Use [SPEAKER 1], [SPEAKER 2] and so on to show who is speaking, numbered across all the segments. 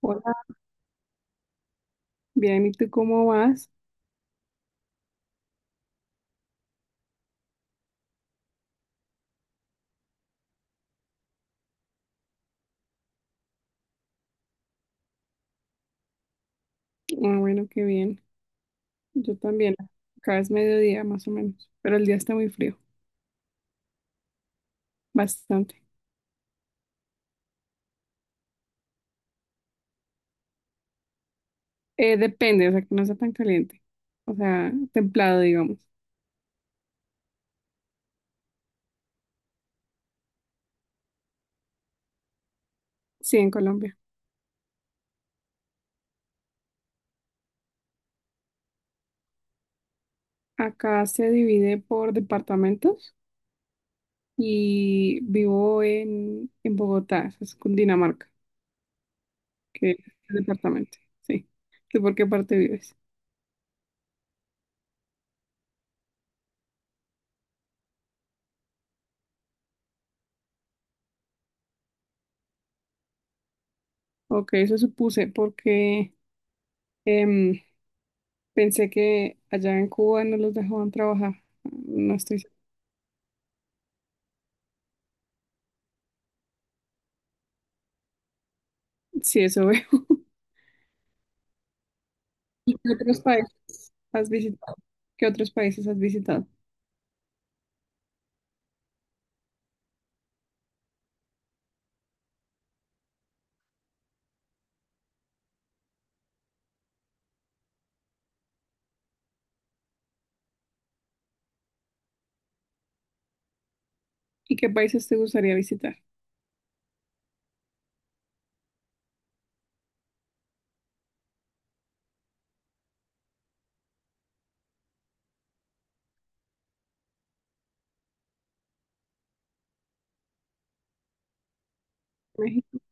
[SPEAKER 1] Hola, bien, ¿y tú cómo vas? Ah, bueno, qué bien. Yo también. Acá es mediodía más o menos, pero el día está muy frío, bastante. Depende, o sea, que no sea tan caliente, o sea, templado, digamos. Sí, en Colombia. Acá se divide por departamentos y vivo en Bogotá, eso es Cundinamarca, que es el departamento, sí. ¿Tú por qué parte vives? Ok, eso supuse, porque em, pensé que allá en Cuba no los dejaban trabajar. No estoy segura. Sí, eso veo. ¿Qué otros países has visitado? ¿Qué otros países has visitado? ¿Y qué países te gustaría visitar? México.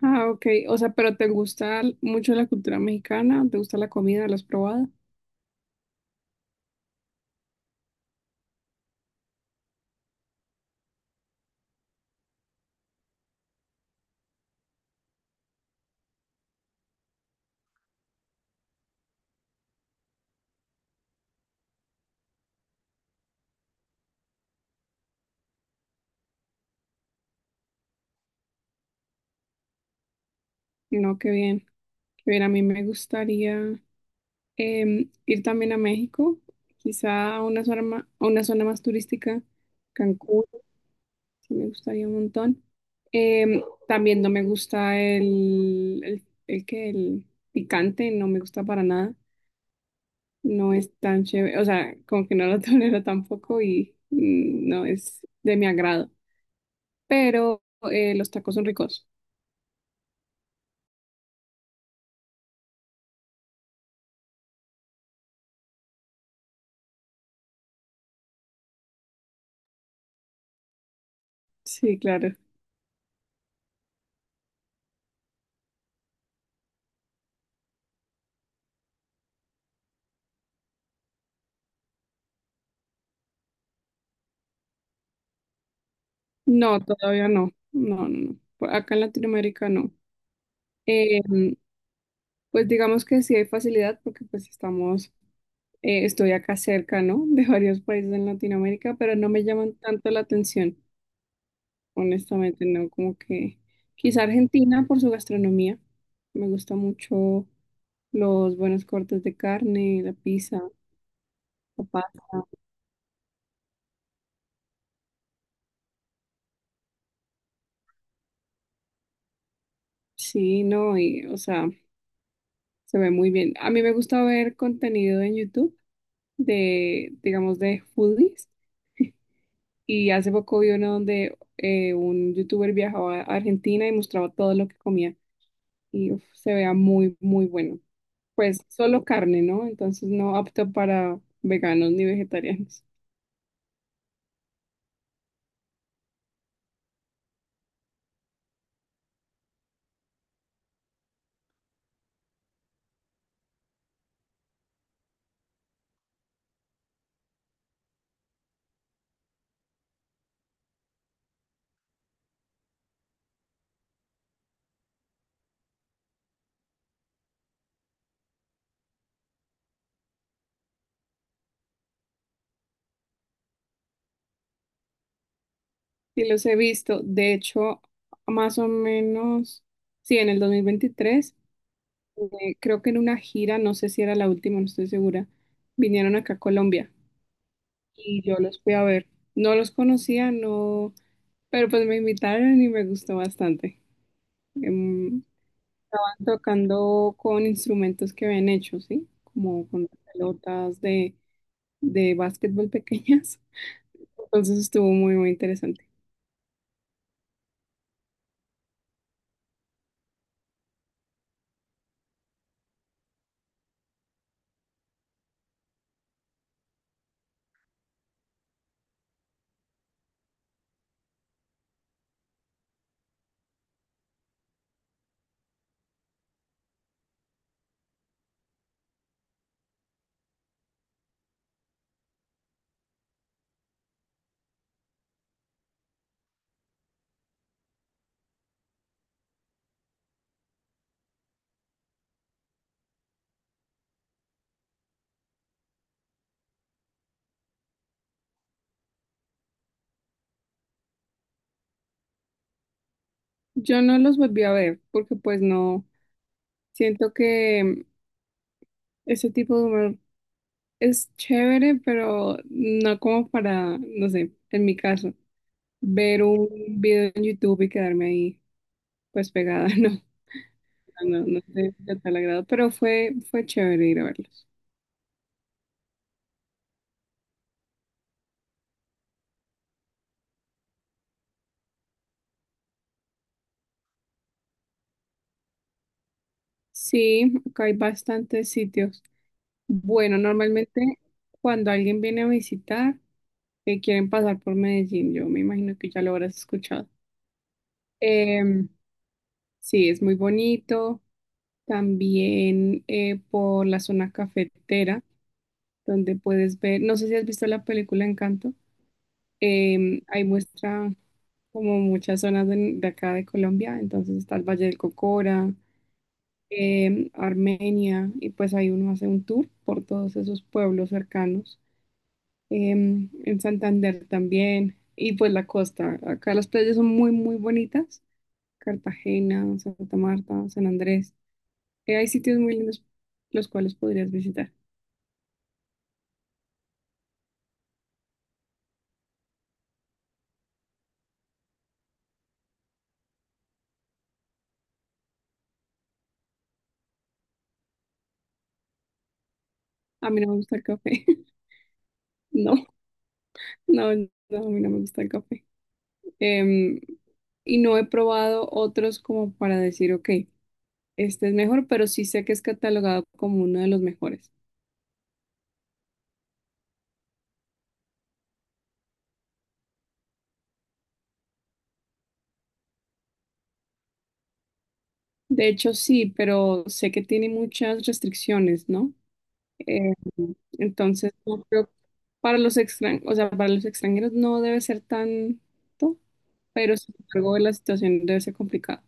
[SPEAKER 1] Ah, ok. O sea, pero ¿te gusta mucho la cultura mexicana? ¿Te gusta la comida? ¿La has probado? No, qué bien. Qué bien, a mí me gustaría, ir también a México, quizá a una zona más, a una zona más turística, Cancún, sí me gustaría un montón. También no me gusta el picante, no me gusta para nada, no es tan chévere, o sea, como que no lo tolero tampoco y no es de mi agrado, pero los tacos son ricos, sí, claro. No, todavía no, no, no, no, por acá en Latinoamérica no. Em, Pues digamos que sí hay facilidad porque pues estamos, estoy acá cerca, ¿no? De varios países en Latinoamérica, pero no me llaman tanto la atención, honestamente, ¿no? Como que quizá Argentina por su gastronomía. Me gusta mucho los buenos cortes de carne, la pizza, la pasta. Sí, no, y o sea, se ve muy bien. A mí me gusta ver contenido en YouTube de, digamos, de foodies. Y hace poco vi uno donde un youtuber viajaba a Argentina y mostraba todo lo que comía. Y uf, se vea muy, muy bueno. Pues solo carne, ¿no? Entonces no apto para veganos ni vegetarianos. Y los he visto. De hecho, más o menos, sí, en el 2023, creo que en una gira, no sé si era la última, no estoy segura, vinieron acá a Colombia y yo los fui a ver. No los conocía, no, pero pues me invitaron y me gustó bastante. Em, Tocando con instrumentos que habían hecho, ¿sí? Como con pelotas de básquetbol pequeñas. Entonces estuvo muy, muy interesante. Yo no los volví a ver porque pues no, siento que ese tipo de humor es chévere, pero no como para, no sé, en mi caso, ver un video en YouTube y quedarme ahí pues pegada, no. No, no sé de tal agrado, pero fue chévere ir a verlos. Sí, acá hay bastantes sitios. Bueno, normalmente cuando alguien viene a visitar, quieren pasar por Medellín. Yo me imagino que ya lo habrás escuchado. Em, sí, es muy bonito. También por la zona cafetera, donde puedes ver, no sé si has visto la película Encanto. Ahí muestra como muchas zonas de acá de Colombia. Entonces está el Valle del Cocora, Armenia, y pues ahí uno hace un tour por todos esos pueblos cercanos. En Santander también, y pues la costa. Acá las playas son muy, muy bonitas. Cartagena, Santa Marta, San Andrés. Hay sitios muy lindos los cuales podrías visitar. A mí no me gusta el café. No, no, no, a mí no me gusta el café. Em, y no he probado otros como para decir, ok, este es mejor, pero sí sé que es catalogado como uno de los mejores. De hecho, sí, pero sé que tiene muchas restricciones, ¿no? Eh, entonces, no creo- o sea, para los extranjeros no debe ser tanto, pero sin embargo la situación debe ser complicada.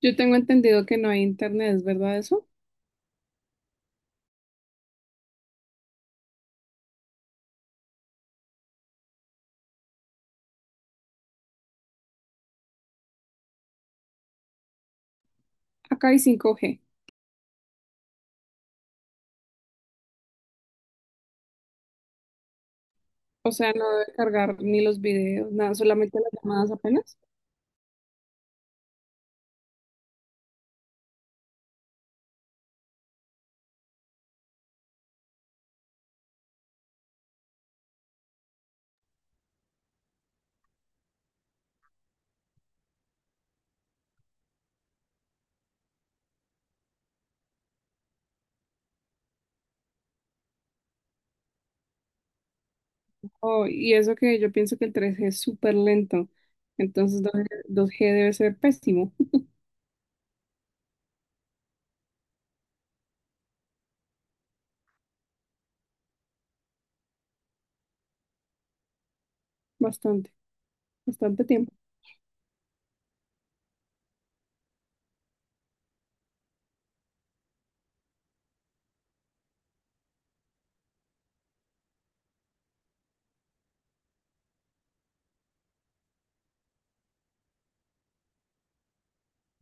[SPEAKER 1] Yo tengo entendido que no hay internet, ¿es verdad eso? Acá hay 5G, o sea, no debe cargar ni los videos, nada, solamente las llamadas apenas. Oh, y eso que yo pienso que el 3G es súper lento, entonces 2G debe ser pésimo, bastante, bastante tiempo.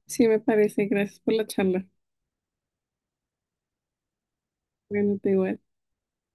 [SPEAKER 1] Sí, me parece, gracias por la charla. Bueno, te digo